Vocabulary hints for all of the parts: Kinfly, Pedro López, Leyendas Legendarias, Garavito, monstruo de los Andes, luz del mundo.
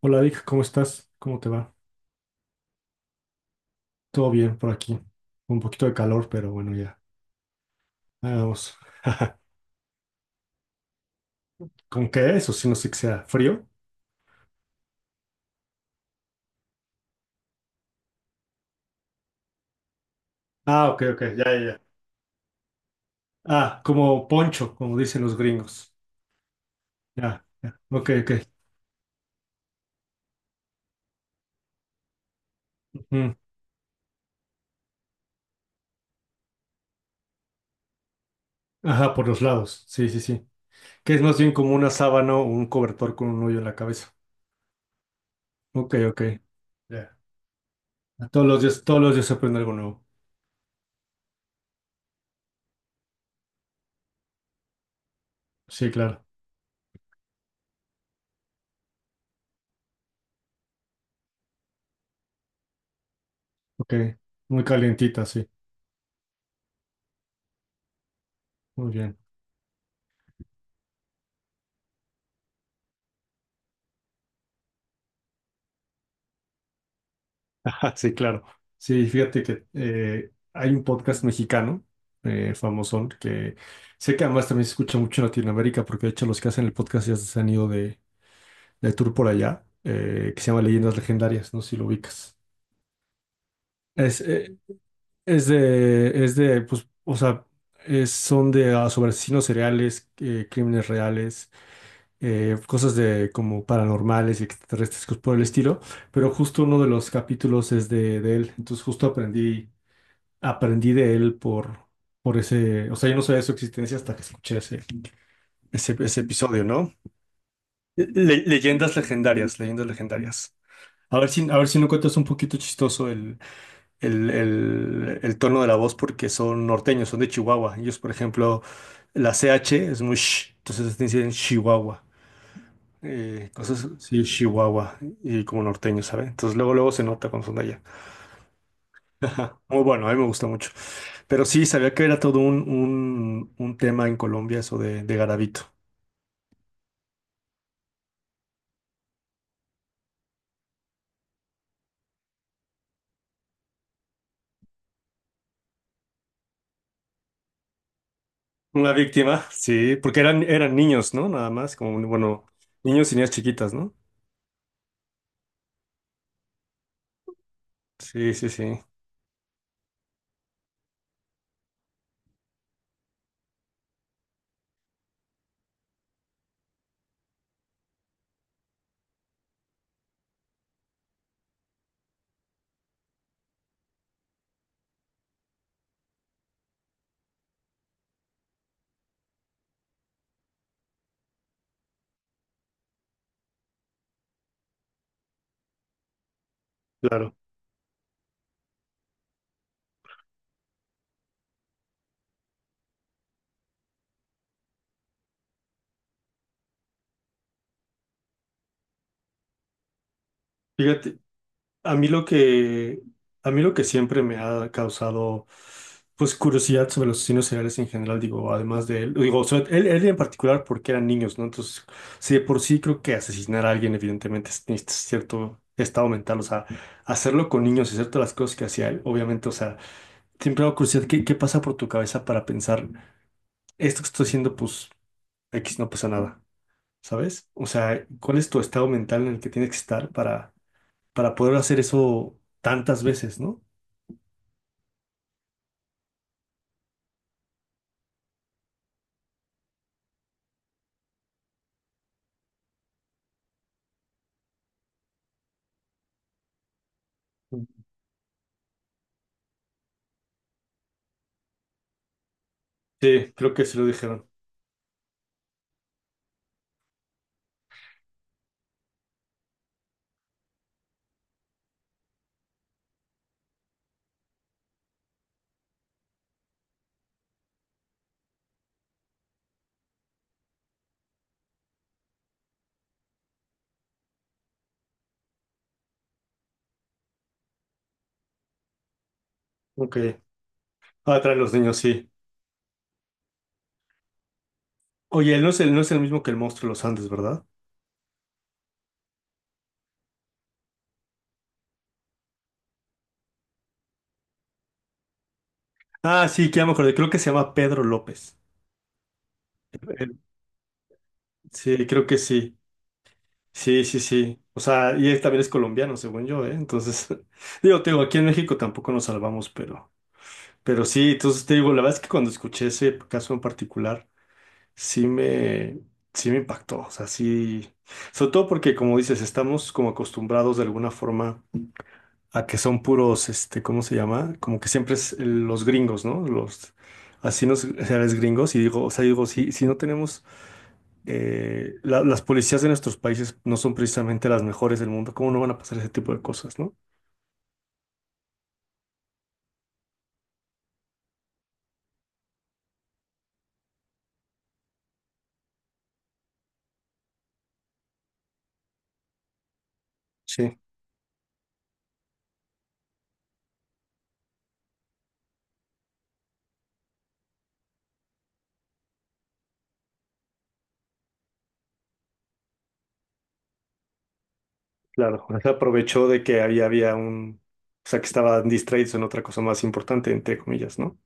Hola Vic, ¿cómo estás? ¿Cómo te va? Todo bien por aquí. Un poquito de calor, pero bueno, ya. Ahí vamos. ¿Con qué eso? Si no sé que sea frío. Ah, ok, ok, ya, ya, ya. Ah, como poncho, como dicen los gringos. Ya, ya. Ok, ok. Mm. Ajá, por los lados. Sí, sí, sí. Que es más bien como una sábana o un cobertor con un hoyo en la cabeza. Ok, ok. Ya. Todos los días se aprende algo nuevo. Sí, claro. Ok. Muy calientita, sí. Muy bien. Ajá, sí, claro. Sí, fíjate que hay un podcast mexicano, famosón, que sé que además también se escucha mucho en Latinoamérica, porque de hecho los que hacen el podcast ya se han ido de tour por allá, que se llama Leyendas Legendarias, no sé si lo ubicas. Es, eh, es de, pues, o sea, son de ah, sobre asesinos seriales, crímenes reales, cosas de como paranormales y extraterrestres, cosas por el estilo, pero justo uno de los capítulos es de él, entonces justo aprendí. Aprendí de él por ese, o sea, yo no sabía de su existencia hasta que escuché ese, ese, ese episodio, ¿no? Leyendas legendarias, leyendas legendarias. A ver si no cuentas un poquito chistoso el, el tono de la voz porque son norteños, son de Chihuahua. Ellos, por ejemplo, la CH es muy sh, entonces te dicen Chihuahua. Cosas, sí, Chihuahua, y como norteño, ¿sabe? Entonces luego, luego se nota cuando son de allá. Ah, muy bueno, a mí me gusta mucho. Pero sí, sabía que era todo un, un tema en Colombia eso de Garavito. Una víctima, sí, porque eran, eran niños, ¿no? Nada más, como, bueno, niños y niñas chiquitas, ¿no? Sí, sí, sí, claro. Fíjate, a mí lo que, a mí lo que siempre me ha causado, pues, curiosidad sobre los asesinos seriales en general, digo, además de él, digo, sobre él, él en particular porque eran niños, ¿no? Entonces, sí, de por sí creo que asesinar a alguien, evidentemente, necesitas cierto estado mental, o sea, hacerlo con niños y hacer todas las cosas que hacía él, obviamente, o sea, siempre me da curiosidad, ¿qué, qué pasa por tu cabeza para pensar, esto que estoy haciendo, pues, X no pasa nada, ¿sabes? O sea, ¿cuál es tu estado mental en el que tienes que estar para poder hacer eso tantas veces, ¿no? Sí, creo que sí lo dijeron. Ok. Ah, traen los niños, sí. Oye, él no es el, no es el mismo que el monstruo de los Andes, ¿verdad? Ah, sí, que ya me acordé. Creo que se llama Pedro López. El- Sí, creo que sí. Sí, sí, sí. O sea, y él también es colombiano, según yo, ¿eh? Entonces, digo, te digo, aquí en México tampoco nos salvamos, pero sí, entonces te digo, la verdad es que cuando escuché ese caso en particular, sí me, sí me impactó. O sea, sí, sobre todo porque, como dices, estamos como acostumbrados de alguna forma a que son puros, este, ¿cómo se llama? Como que siempre es los gringos, ¿no? Los, así nos, o sea, los gringos, y digo, o sea, digo, sí, sí no tenemos las policías de nuestros países no son precisamente las mejores del mundo. ¿Cómo no van a pasar ese tipo de cosas, no? Sí, claro, se aprovechó de que había, había un, o sea, que estaban distraídos en otra cosa más importante, entre comillas, ¿no?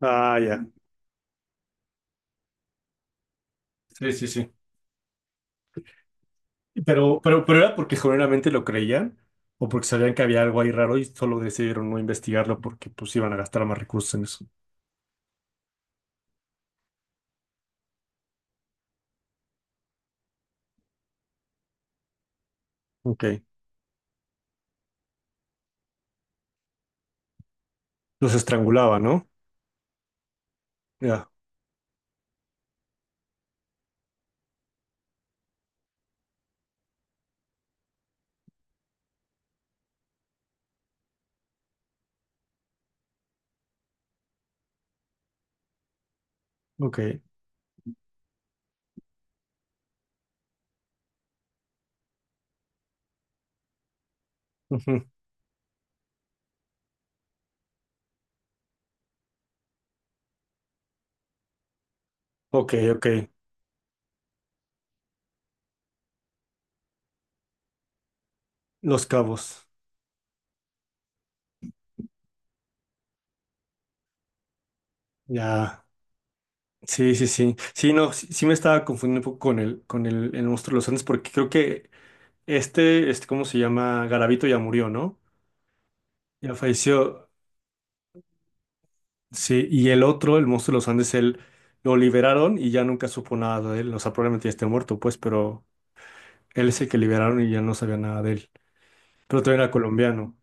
Ah, ya. Sí, sí, sí. Pero era porque generalmente lo creían o porque sabían que había algo ahí raro y solo decidieron no investigarlo porque pues iban a gastar más recursos en eso. Ok. Los estrangulaba, ¿no? Ya. Ok. Ujú. Ok, ok. Los cabos. Ya. Sí, sí, sí. Sí, no, sí, sí me estaba confundiendo un poco con el monstruo de los Andes, porque creo que este, ¿cómo se llama? Garavito ya murió, ¿no? Ya falleció. Sí, y el otro, el monstruo de los Andes, él lo liberaron y ya nunca supo nada de él. O sea, probablemente ya esté muerto, pues, pero él es el que liberaron y ya no sabía nada de él. Pero también era colombiano,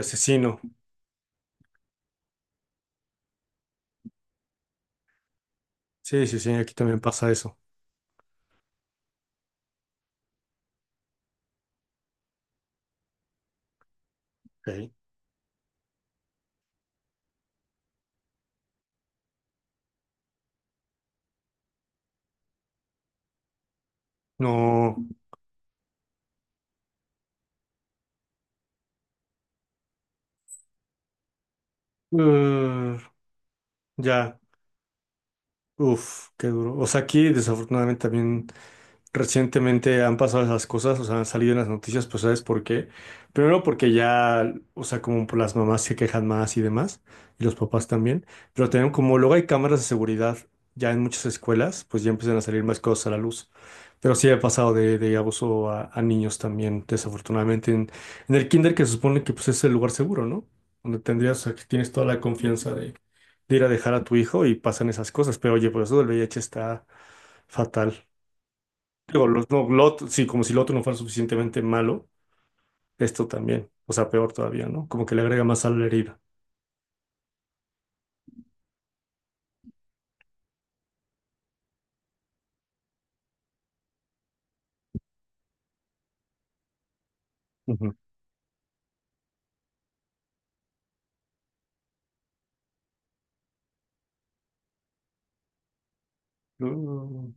asesino. Sí, sí, sí, aquí también pasa eso. Ok. No. eh, ya. Uf, qué duro. O sea, aquí desafortunadamente también. Recientemente han pasado esas cosas, o sea, han salido en las noticias, pues ¿sabes por qué? Primero porque ya, o sea, como por las mamás se quejan más y demás, y los papás también, pero también como luego hay cámaras de seguridad ya en muchas escuelas, pues ya empiezan a salir más cosas a la luz. Pero sí ha pasado de abuso a niños también, desafortunadamente, en el kinder que se supone que pues es el lugar seguro, ¿no? Donde tendrías, o sea, que tienes toda la confianza de ir a dejar a tu hijo y pasan esas cosas, pero oye, por eso del VIH está fatal. Digo, los, no, Lot, sí, como si lo otro no fuera suficientemente malo, esto también, o sea, peor todavía, ¿no? Como que le agrega más sal a la herida. Ujú. Mm,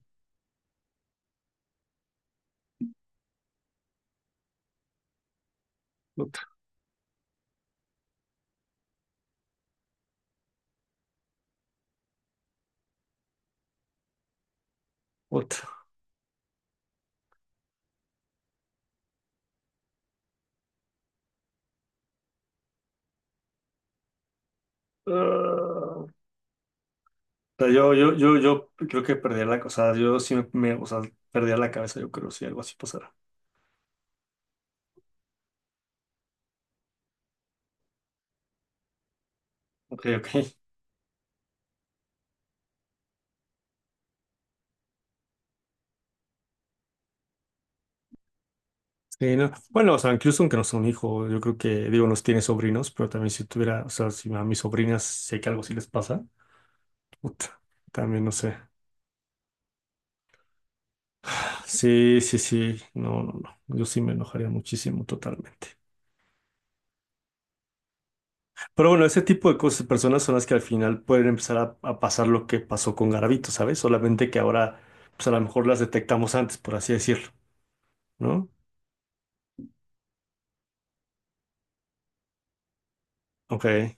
otra, otra. Ah. O sea, yo creo que perdería la, o sea, yo sí me, o sea, perdería la cabeza, yo creo, si algo así pasara. Ok, ok. Sí, no. Bueno, o sea, incluso aunque no sea un hijo, yo creo que, digo, nos tiene sobrinos, pero también si tuviera, o sea, si a mis sobrinas sé que algo sí les pasa, puta, también no sé. Sí, sí, sí. No, no, no. Yo sí me enojaría muchísimo, totalmente. Pero bueno, ese tipo de cosas, personas son las que al final pueden empezar a pasar lo que pasó con Garavito, ¿sabes? Solamente que ahora, pues a lo mejor las detectamos antes, por así decirlo, ¿no? Ok.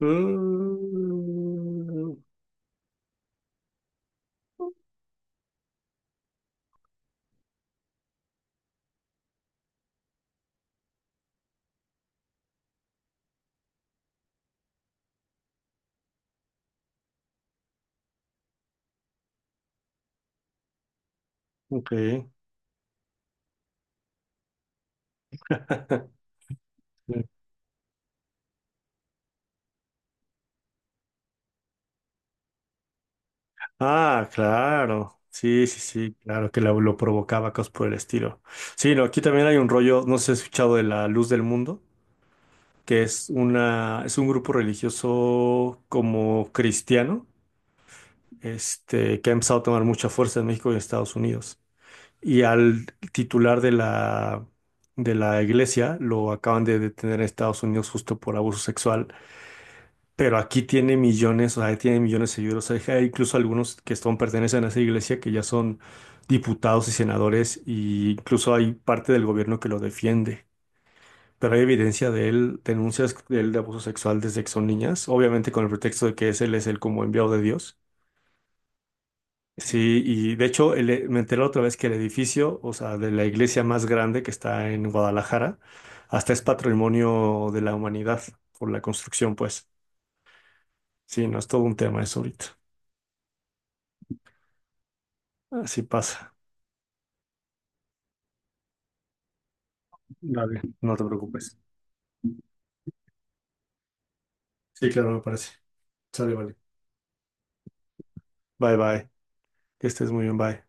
Mm, ok. Ah, claro. Sí, sí, sí, claro que lo provocaba, cosas por el estilo. Sí, no, aquí también hay un rollo, no sé si has escuchado de la luz del mundo. Que es una, es un grupo religioso como cristiano, este, que ha empezado a tomar mucha fuerza en México y en Estados Unidos. Y al titular de la iglesia lo acaban de detener en Estados Unidos justo por abuso sexual, pero aquí tiene millones, o sea, tiene millones de seguidores. O hay incluso algunos que son, pertenecen a esa iglesia que ya son diputados y senadores, e incluso hay parte del gobierno que lo defiende, pero hay evidencia de él, denuncias de él de abuso sexual desde que son niñas, obviamente con el pretexto de que es él es el como enviado de Dios. Sí, y de hecho me enteré otra vez que el edificio, o sea, de la iglesia más grande que está en Guadalajara, hasta es patrimonio de la humanidad por la construcción, pues. Sí, no es todo un tema eso ahorita. Así pasa. Vale, no te preocupes. Sí, claro, me parece. Sale, vale. Bye, bye. Que estés muy bien, bye.